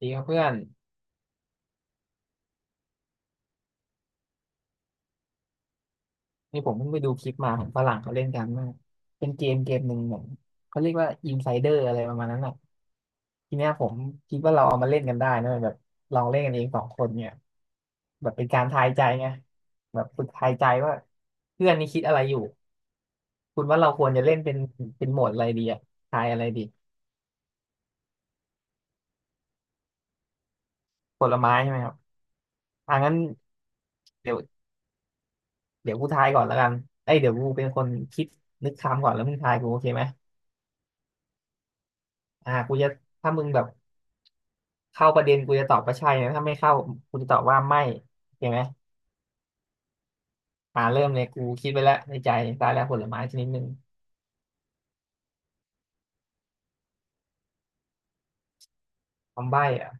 ดีครับเพื่อนนี่ผมเพิ่งไปดูคลิปมาของฝรั่งเขาเล่นกันมากเป็นเกมหนึ่งเหมือนเขาเรียกว่าอินไซเดอร์อะไรประมาณนั้นอ่ะทีเนี้ยผมคิดว่าเราเอามาเล่นกันได้นะแบบลองเล่นกันเองสองคนเนี่ยแบบเป็นการทายใจไงแบบฝึกทายใจว่าเพื่อนนี่คิดอะไรอยู่คุณว่าเราควรจะเล่นเป็นโหมดอะไรดีอ่ะทายอะไรดีผลไม้ใช่ไหมครับอ่ะงั้นเดี๋ยวเดี๋ยวกูทายก่อนแล้วกันเอ้ยเดี๋ยวกูเป็นคนคิดนึกคำก่อนแล้วมึงทายกูโอเคไหมอ่ะกูจะถ้ามึงแบบ เข้าประเด็นกูจะตอบว่าใช่นะถ้าไม่เข้ากูจะตอบว่าไม่เห็นไหมอ่าเริ่มเลยกูคิดไปแล้วในใจตายแล้วผลไม้ชนิดหนึ่งคำใบ้อะ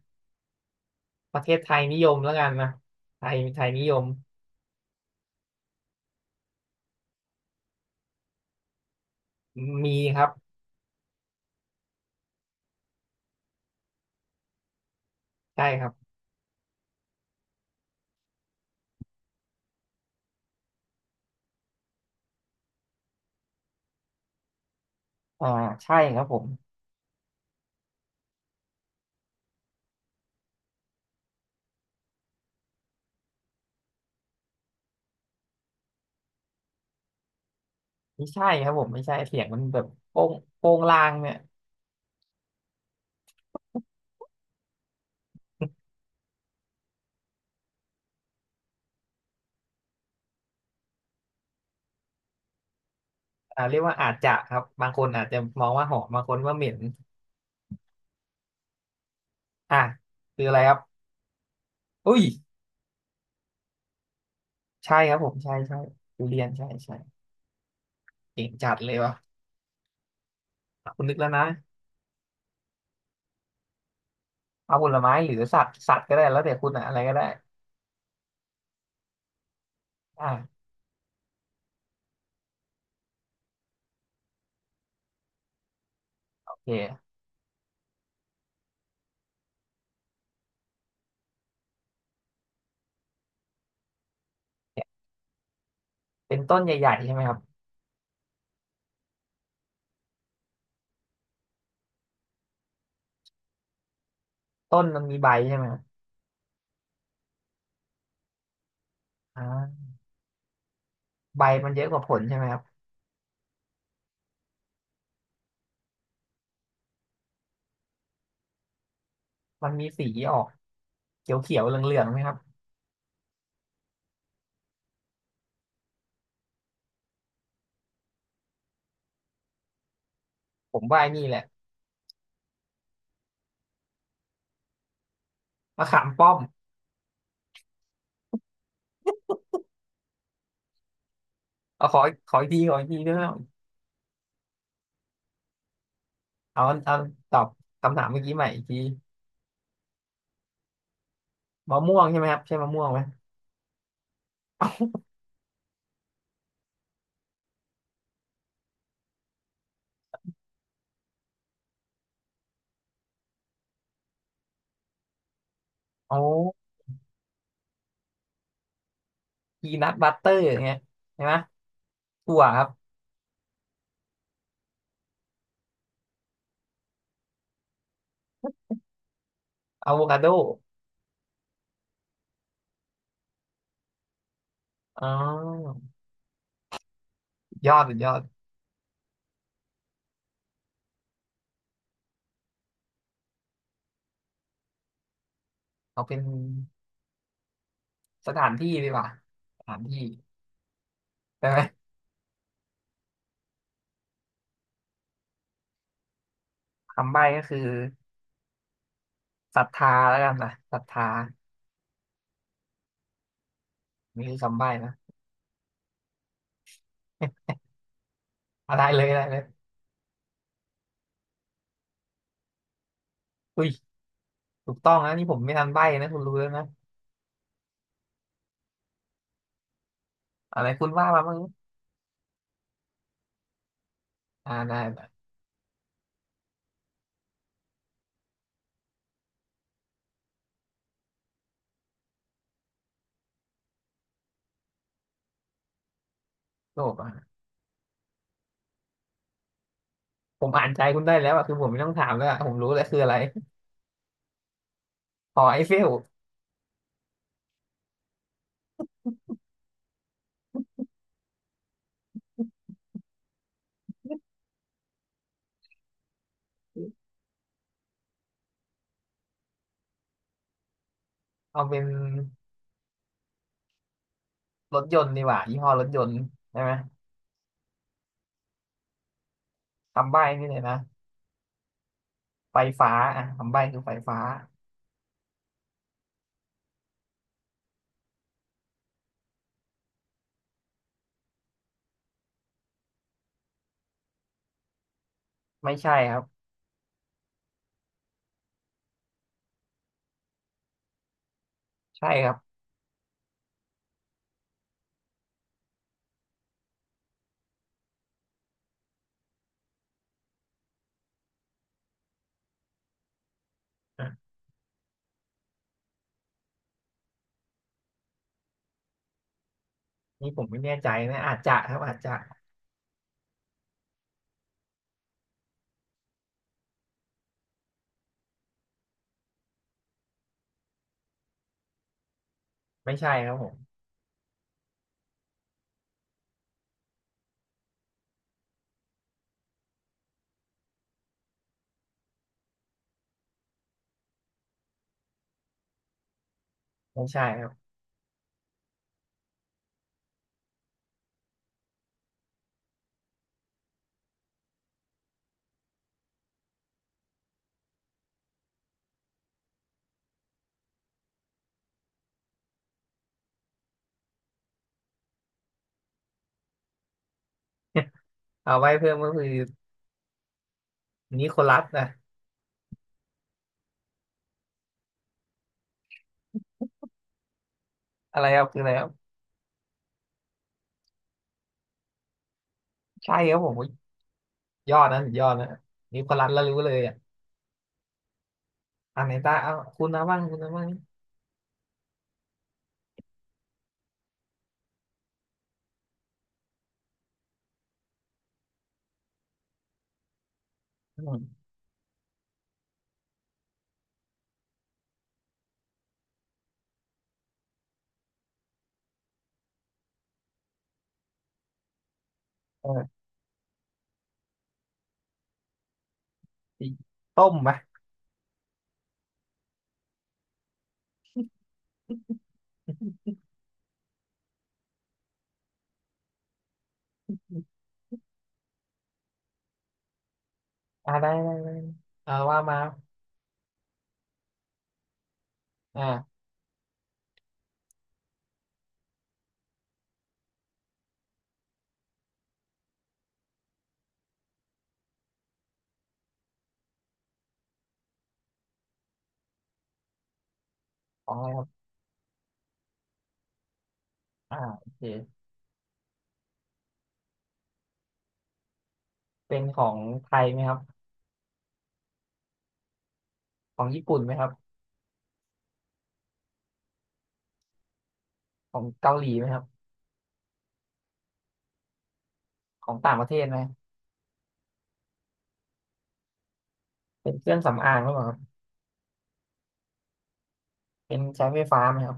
ประเทศไทยนิยมแล้วกันนะไทยไทยนิยมมีครับใช่ครับอ่าใช่ครับผมไม่ใช่ครับผมไม่ใช่เสียงมันแบบโป้งโป้งลางเนี่ยอ่าเรียกว่าอาจจะครับบางคนอาจจะมองว่าหอมบางคนว่าเหม็นอ่ะคืออะไรครับอุ้ยใช่ครับผมใช่ใช่ทุเรียนใช่ใช่เก่งจัดเลยวะคุณนึกแล้วนะ เอาผลไม้หรือสัตว์สัตว์ก็ได้แล้วแต่คุณอะอะไรก็ได้อ่าโอเคเป็นต้นใหญ่ๆใช่ไหมครับต้นมันมีใบใช่ไหมครับอ่าใบมันเยอะกว่าผลใช่ไหมครับมันมีสีออกเขียวๆเหลืองๆไหมครับผมว่าไอ้นี่แหละมะขามป้อมเอาขอขออีกทีด้วยนะครับเอาตอบคำถามเมื่อกี้ใหม่อีกทีมะม่วงใช่ไหมครับใช่มะม่วงไหมโอ้พีนัทบัตเตอร์อย่างเงี้ยใช่ไหมถั่วครับอะโวคาโดอ๋อยอดสุดยอดเอาเป็นสถานที่ดีกว่าสถานที่ ใช่ไหมคำใบ้ก็คือศรัทธาแล้วกันนะศรัทธานี่คือคำใบ้นะ อะไรเลยอะไรเลยอุ้ยถูกต้องนะนี่ผมไม่ทันใบ้นะคุณรู้แล้วนะอะไรคุณว่ามาบ้างอ่าได้ได้โลภอ่ะผมอ่านใจคุณได้แล้วอ่ะคือผมไม่ต้องถามแล้วอะผมรู้แล้วคืออะไร หอไอเฟลเอาเป็นรถยนต์ดีกว่ายี่ห้อรถยนต์ใช่ไหมคำใบ้นี่เลยนะไฟฟ้าอ่ะคำใบ้คือไฟฟ้าไม่ใช่ครับใช่ครับอ่ะนี่ผมไม่แน่ใจนะอาจจะครับอาจจะไม่ใช่ครับผมไม่ใช่ครับ เอาไว้เพิ่มก็คือนิโคลัสนะอะไรครับคืออะไรครับใช่ครับผมยอดนะสุดยอดนะนิโคลัสแล้วรู้เลยอ่ะอันไหนตาเอาคุณนะบ้างอืมเออต้มไหมได้ได้ได้เอาว่ามาอ่าของอะไรครับอ่าโอเคเป็นของไทยไหมครับของญี่ปุ่นไหมครับของเกาหลีไหมครับของต่างประเทศไหมเป็นเครื่องสำอางหรือเปล่าครับเป็นใช้ไฟฟ้าไหมครับ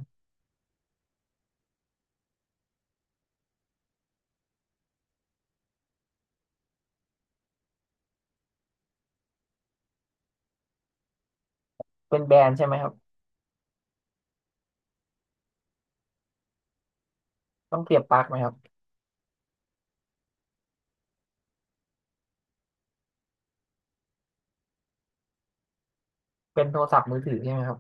เป็นแบรนด์ใช่ไหมครับต้องเสียบปลั๊กไหมครับเป็นโทรศัพท์มือถือใช่ไหมครับ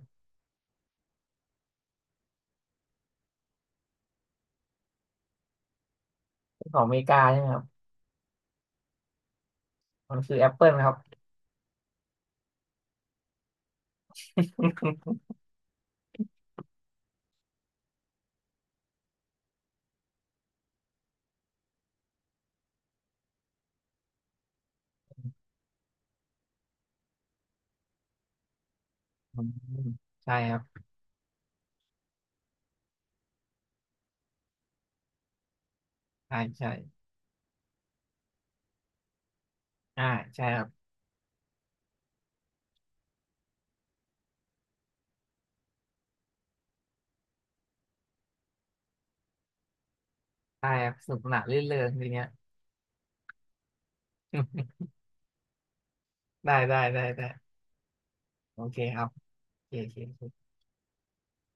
เป็นของอเมริกาใช่ไหมครับ มันคือแอปเปิลครับอืมใช่ครับใช่ใช่อ่าใช่ครับได้ครับสนุกสนานรื่นเริงทีเนี้ย ได้ได้ได้ได้โอเคครับโอเคโอเค